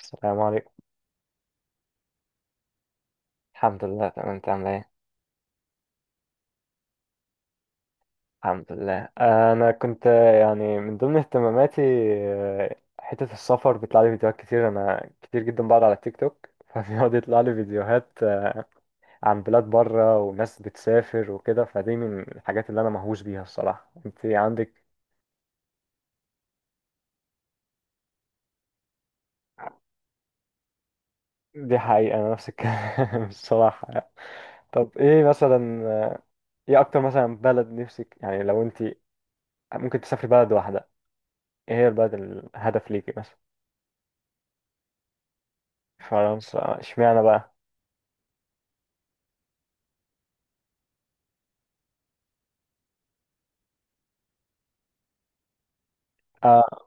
السلام عليكم. الحمد لله تمام، انت عامل ايه؟ الحمد لله. انا كنت يعني من ضمن اهتماماتي حتة السفر. بيطلع لي فيديوهات كتير، انا كتير جدا بقعد على تيك توك فبيقعد يطلع لي فيديوهات عن بلاد بره وناس بتسافر وكده. فدي من الحاجات اللي انا مهووس بيها الصراحة. انت عندك؟ دي حقيقة، انا نفس الكلام الصراحة يعني. طب ايه مثلا، آه، ايه اكتر مثلا بلد نفسك، يعني لو انت ممكن تسافري بلد واحدة، ايه هي البلد الهدف ليكي مثلا؟ فرنسا؟ اشمعنى بقى؟ اه.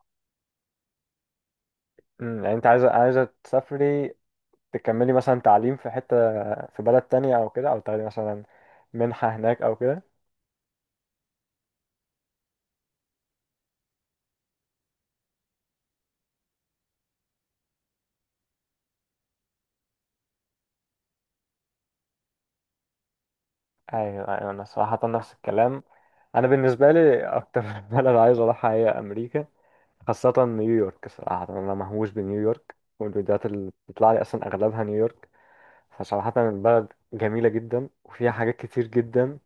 يعني انت عايزه تسافري تكملي مثلا تعليم في حته، في بلد تانية او كده، او تاخدي مثلا منحه هناك او كده؟ ايوه ايوه، انا صراحه نفس الكلام. انا بالنسبه لي اكتر بلد عايز اروحها هي امريكا، خاصه نيويورك. صراحه انا مهووس بنيويورك، والفيديوهات اللي بتطلع لي اصلا اغلبها نيويورك. فصراحه البلد جميله جدا وفيها حاجات كتير جدا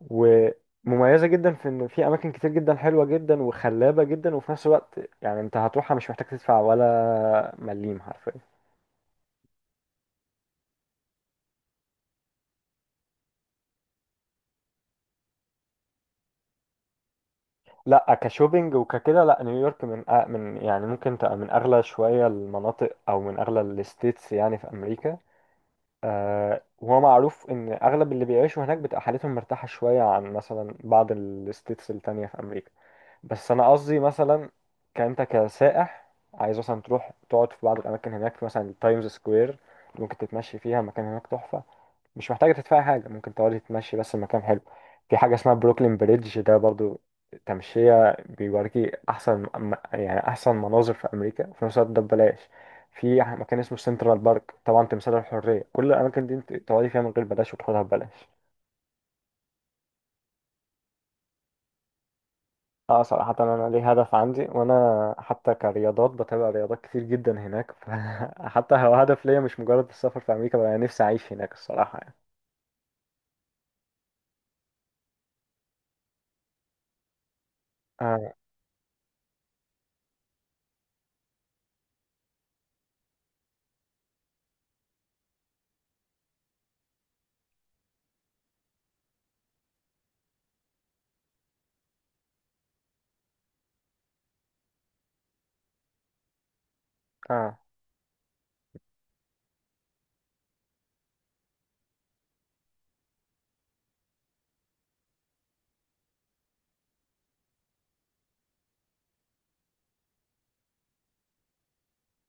ومميزة جدا، في ان في اماكن كتير جدا حلوة جدا وخلابة جدا، وفي نفس الوقت يعني انت هتروحها مش محتاج تدفع ولا مليم حرفيا. لا كشوبينج وككده لا، نيويورك من يعني ممكن تبقى من اغلى شوية المناطق، او من اغلى الستيتس يعني في امريكا. آه، وهو معروف ان اغلب اللي بيعيشوا هناك بتبقى حالتهم مرتاحة شوية عن مثلا بعض الستيتس التانية في امريكا. بس انا قصدي مثلا كانت كسائح، عايز مثلا تروح تقعد في بعض الاماكن هناك، في مثلا تايمز سكوير ممكن تتمشي فيها، مكان هناك تحفه، مش محتاجه تدفع حاجه، ممكن تقعد تتمشي بس، المكان حلو. في حاجه اسمها بروكلين بريدج ده برضو، تمشيه بيوريكي، يعني احسن مناظر في امريكا، وفي نفس الوقت ده ببلاش. في مكان اسمه سنترال بارك، طبعا تمثال الحريه، كل الاماكن دي انت تقعدي فيها من غير بلاش، وتاخدها ببلاش. اه صراحة أنا ليه هدف عندي، وأنا حتى كرياضات بتابع رياضات كتير جدا هناك فحتى هو هدف ليا مش مجرد السفر في أمريكا، بقى نفسي أعيش هناك الصراحة يعني. اه. اه.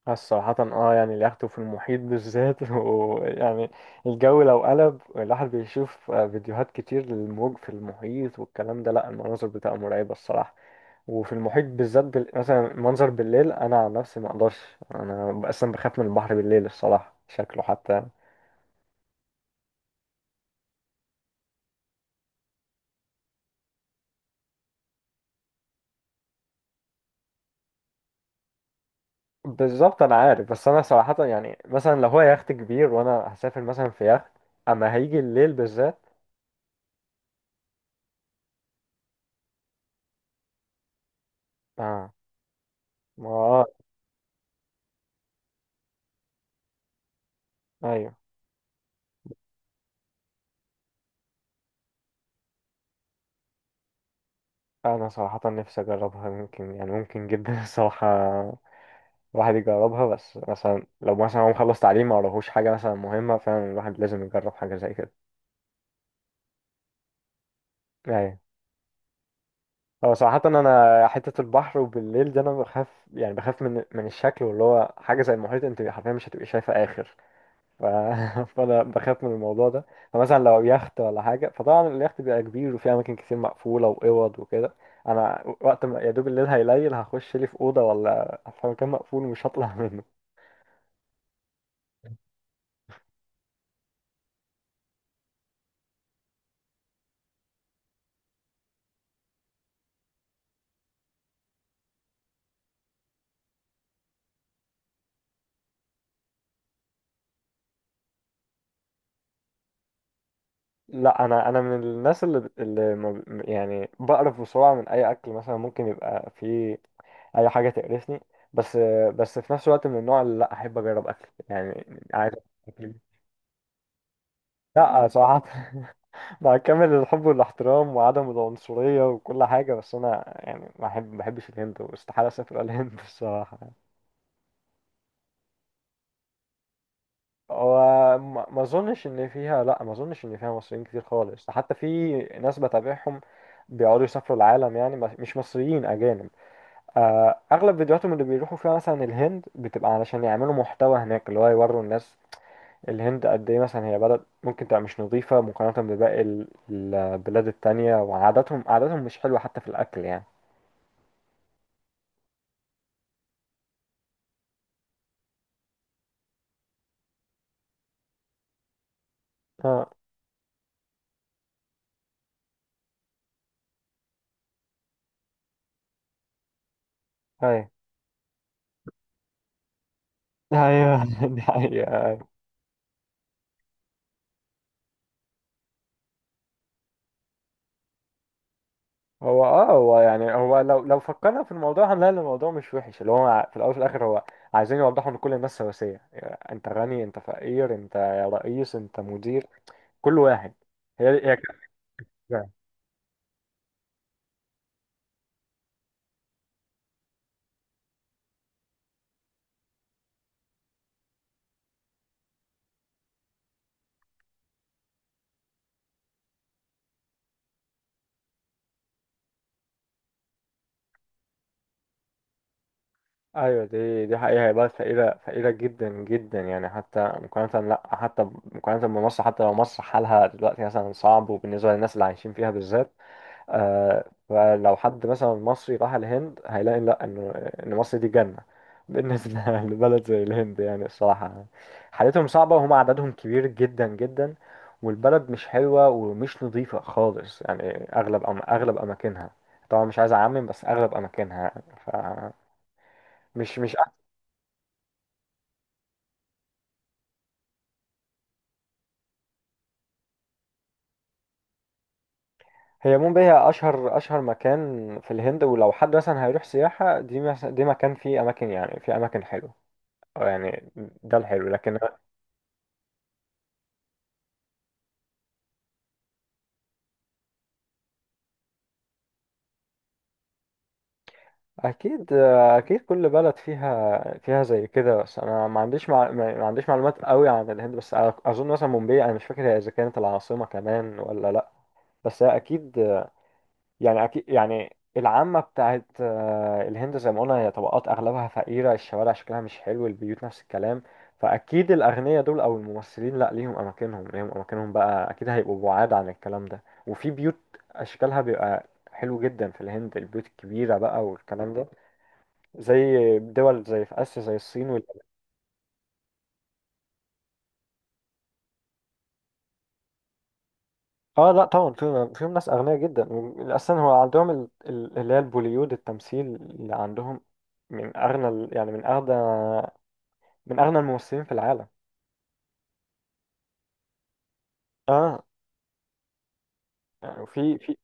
صراحة اه، يعني اليخت في المحيط بالذات ويعني الجو لو قلب، الواحد بيشوف فيديوهات كتير للموج في المحيط والكلام ده، لا المناظر بتبقى مرعبة الصراحة. وفي المحيط بالذات مثلا منظر بالليل، أنا عن نفسي مقدرش. أنا أصلا بخاف من البحر بالليل الصراحة، شكله حتى. بالظبط انا عارف، بس انا صراحة يعني مثلا لو هو يخت كبير وانا هسافر مثلا في يخت، اما هيجي الليل بالذات. اه. ما آه، ايوه. انا صراحة نفسي اجربها، ممكن يعني ممكن جدا الصراحة الواحد يجربها. بس مثلا لو مثلا هو مخلص تعليم، ما وراهوش حاجة مثلا مهمة، فعلا الواحد لازم يجرب حاجة زي كده. ايوه. هو صراحة انا حتة البحر وبالليل ده انا بخاف، يعني بخاف من الشكل، واللي هو حاجة زي المحيط انت حرفيا مش هتبقي شايفة اخر. ف... فانا بخاف من الموضوع ده. فمثلا لو يخت ولا حاجه، فطبعا اليخت بيبقى كبير وفيه اماكن كتير مقفوله واوض وكده. انا وقت ما يا دوب الليل هيليل هخش لي في اوضه ولا في مكان مقفول ومش هطلع منه. لا انا من الناس اللي ما ب- يعني بقرف بسرعه من اي اكل، مثلا ممكن يبقى فيه اي حاجه تقرفني. بس بس في نفس الوقت من النوع اللي لا احب اجرب اكل يعني. عايز أكل. لا صراحه مع كامل الحب والاحترام وعدم العنصرية وكل حاجة، بس أنا يعني ما بحبش الهند، واستحالة أسافر الهند الصراحة. هو ما أظنش إن فيها، لأ ما أظنش إن فيها مصريين كتير خالص. حتى في ناس بتابعهم بيقعدوا يسافروا العالم، يعني مش مصريين، أجانب. أغلب فيديوهاتهم اللي بيروحوا فيها مثلا الهند بتبقى علشان يعملوا محتوى هناك، اللي هو يوروا الناس الهند قد إيه، مثلا هي بلد ممكن تبقى مش نظيفة مقارنة بباقي البلاد التانية، وعاداتهم مش حلوة حتى في الأكل يعني. اه. ايوه ايوه دي حقيقة أيوة. هو اه، هو يعني هو لو فكرنا في الموضوع هنلاقي إن الموضوع مش وحش، اللي هو في الاول وفي الاخر هو عايزين يوضحوا ان كل الناس سواسية، يعني انت غني انت فقير انت رئيس انت مدير، كل واحد. هي هي كده. ايوه دي حقيقة. هي بقى فقيرة، فقيرة جدا جدا، يعني حتى مقارنة، لا حتى مقارنة بمصر. حتى لو مصر حالها دلوقتي مثلا صعب وبالنسبة للناس اللي عايشين فيها بالذات، آه فلو حد مثلا مصري راح الهند هيلاقي لا انه ان مصر دي جنة بالنسبة لبلد زي الهند، يعني الصراحة حالتهم صعبة، وهم عددهم كبير جدا جدا، والبلد مش حلوة ومش نظيفة خالص يعني اغلب، اغلب اماكنها. طبعا مش عايز اعمم، بس اغلب اماكنها يعني، ف مش هي. مومباي هي اشهر مكان في الهند، ولو حد مثلا هيروح سياحة دي دي مكان فيه اماكن، يعني فيه اماكن حلوة أو يعني، ده الحلو لكن. اكيد اكيد، كل بلد فيها فيها زي كده. بس انا ما عنديش ما عنديش معلومات قوي عن الهند، بس اظن مثلا مومباي، انا مش فاكر هي اذا كانت العاصمة كمان ولا لا، بس هي اكيد، يعني أكيد يعني العامة بتاعت الهند زي ما قلنا هي طبقات أغلبها فقيرة، الشوارع شكلها مش حلو، البيوت نفس الكلام. فأكيد الأغنياء دول أو الممثلين لأ، ليهم أماكنهم، ليهم أماكنهم بقى أكيد، هيبقوا بعاد عن الكلام ده، وفي بيوت أشكالها بيبقى حلو جدا في الهند، البيوت الكبيرة بقى والكلام ده، زي دول زي في آسيا زي الصين اه لا طبعا فيهم، فيهم ناس أغنياء جدا. أصلا هو عندهم اللي هي البوليود، التمثيل اللي عندهم من أغنى يعني من اغنى الممثلين في العالم. اه. يعني في في،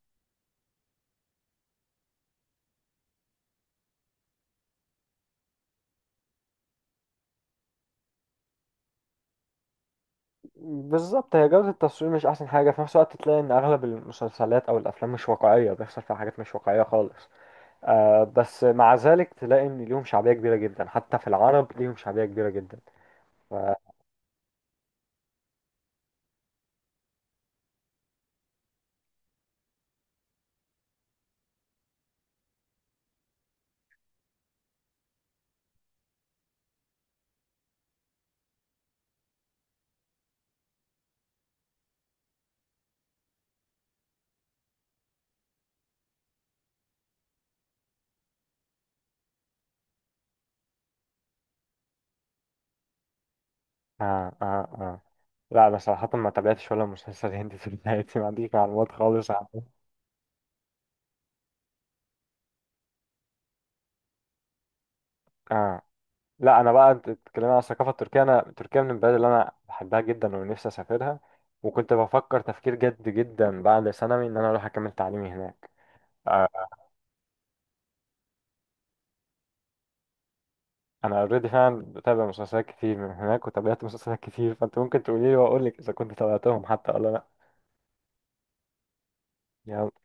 بالظبط. هي جودة التصوير مش احسن حاجة، في نفس الوقت تلاقي ان اغلب المسلسلات او الافلام مش واقعية، بيحصل فيها حاجات مش واقعية خالص. آه بس مع ذلك تلاقي ان ليهم شعبية كبيرة جدا، حتى في العرب ليهم شعبية كبيرة جدا. ف... آه آه آه لا انا صراحة ما تابعتش ولا مسلسل هندي في حياتي، ما عنديش معلومات خالص عنه. آه لا انا بقى، انت بتتكلمي عن الثقافه التركيه، انا تركيا من البلاد اللي انا بحبها جدا ونفسي اسافرها، وكنت بفكر تفكير جد جدا بعد ثانوي ان انا اروح اكمل تعليمي هناك. آه، انا اوريدي، فعلا بتابع مسلسلات كتير من هناك وتابعت مسلسلات كتير، فانت ممكن تقولي لي واقول لك اذا كنت تابعتهم حتى ولا لا. يلا.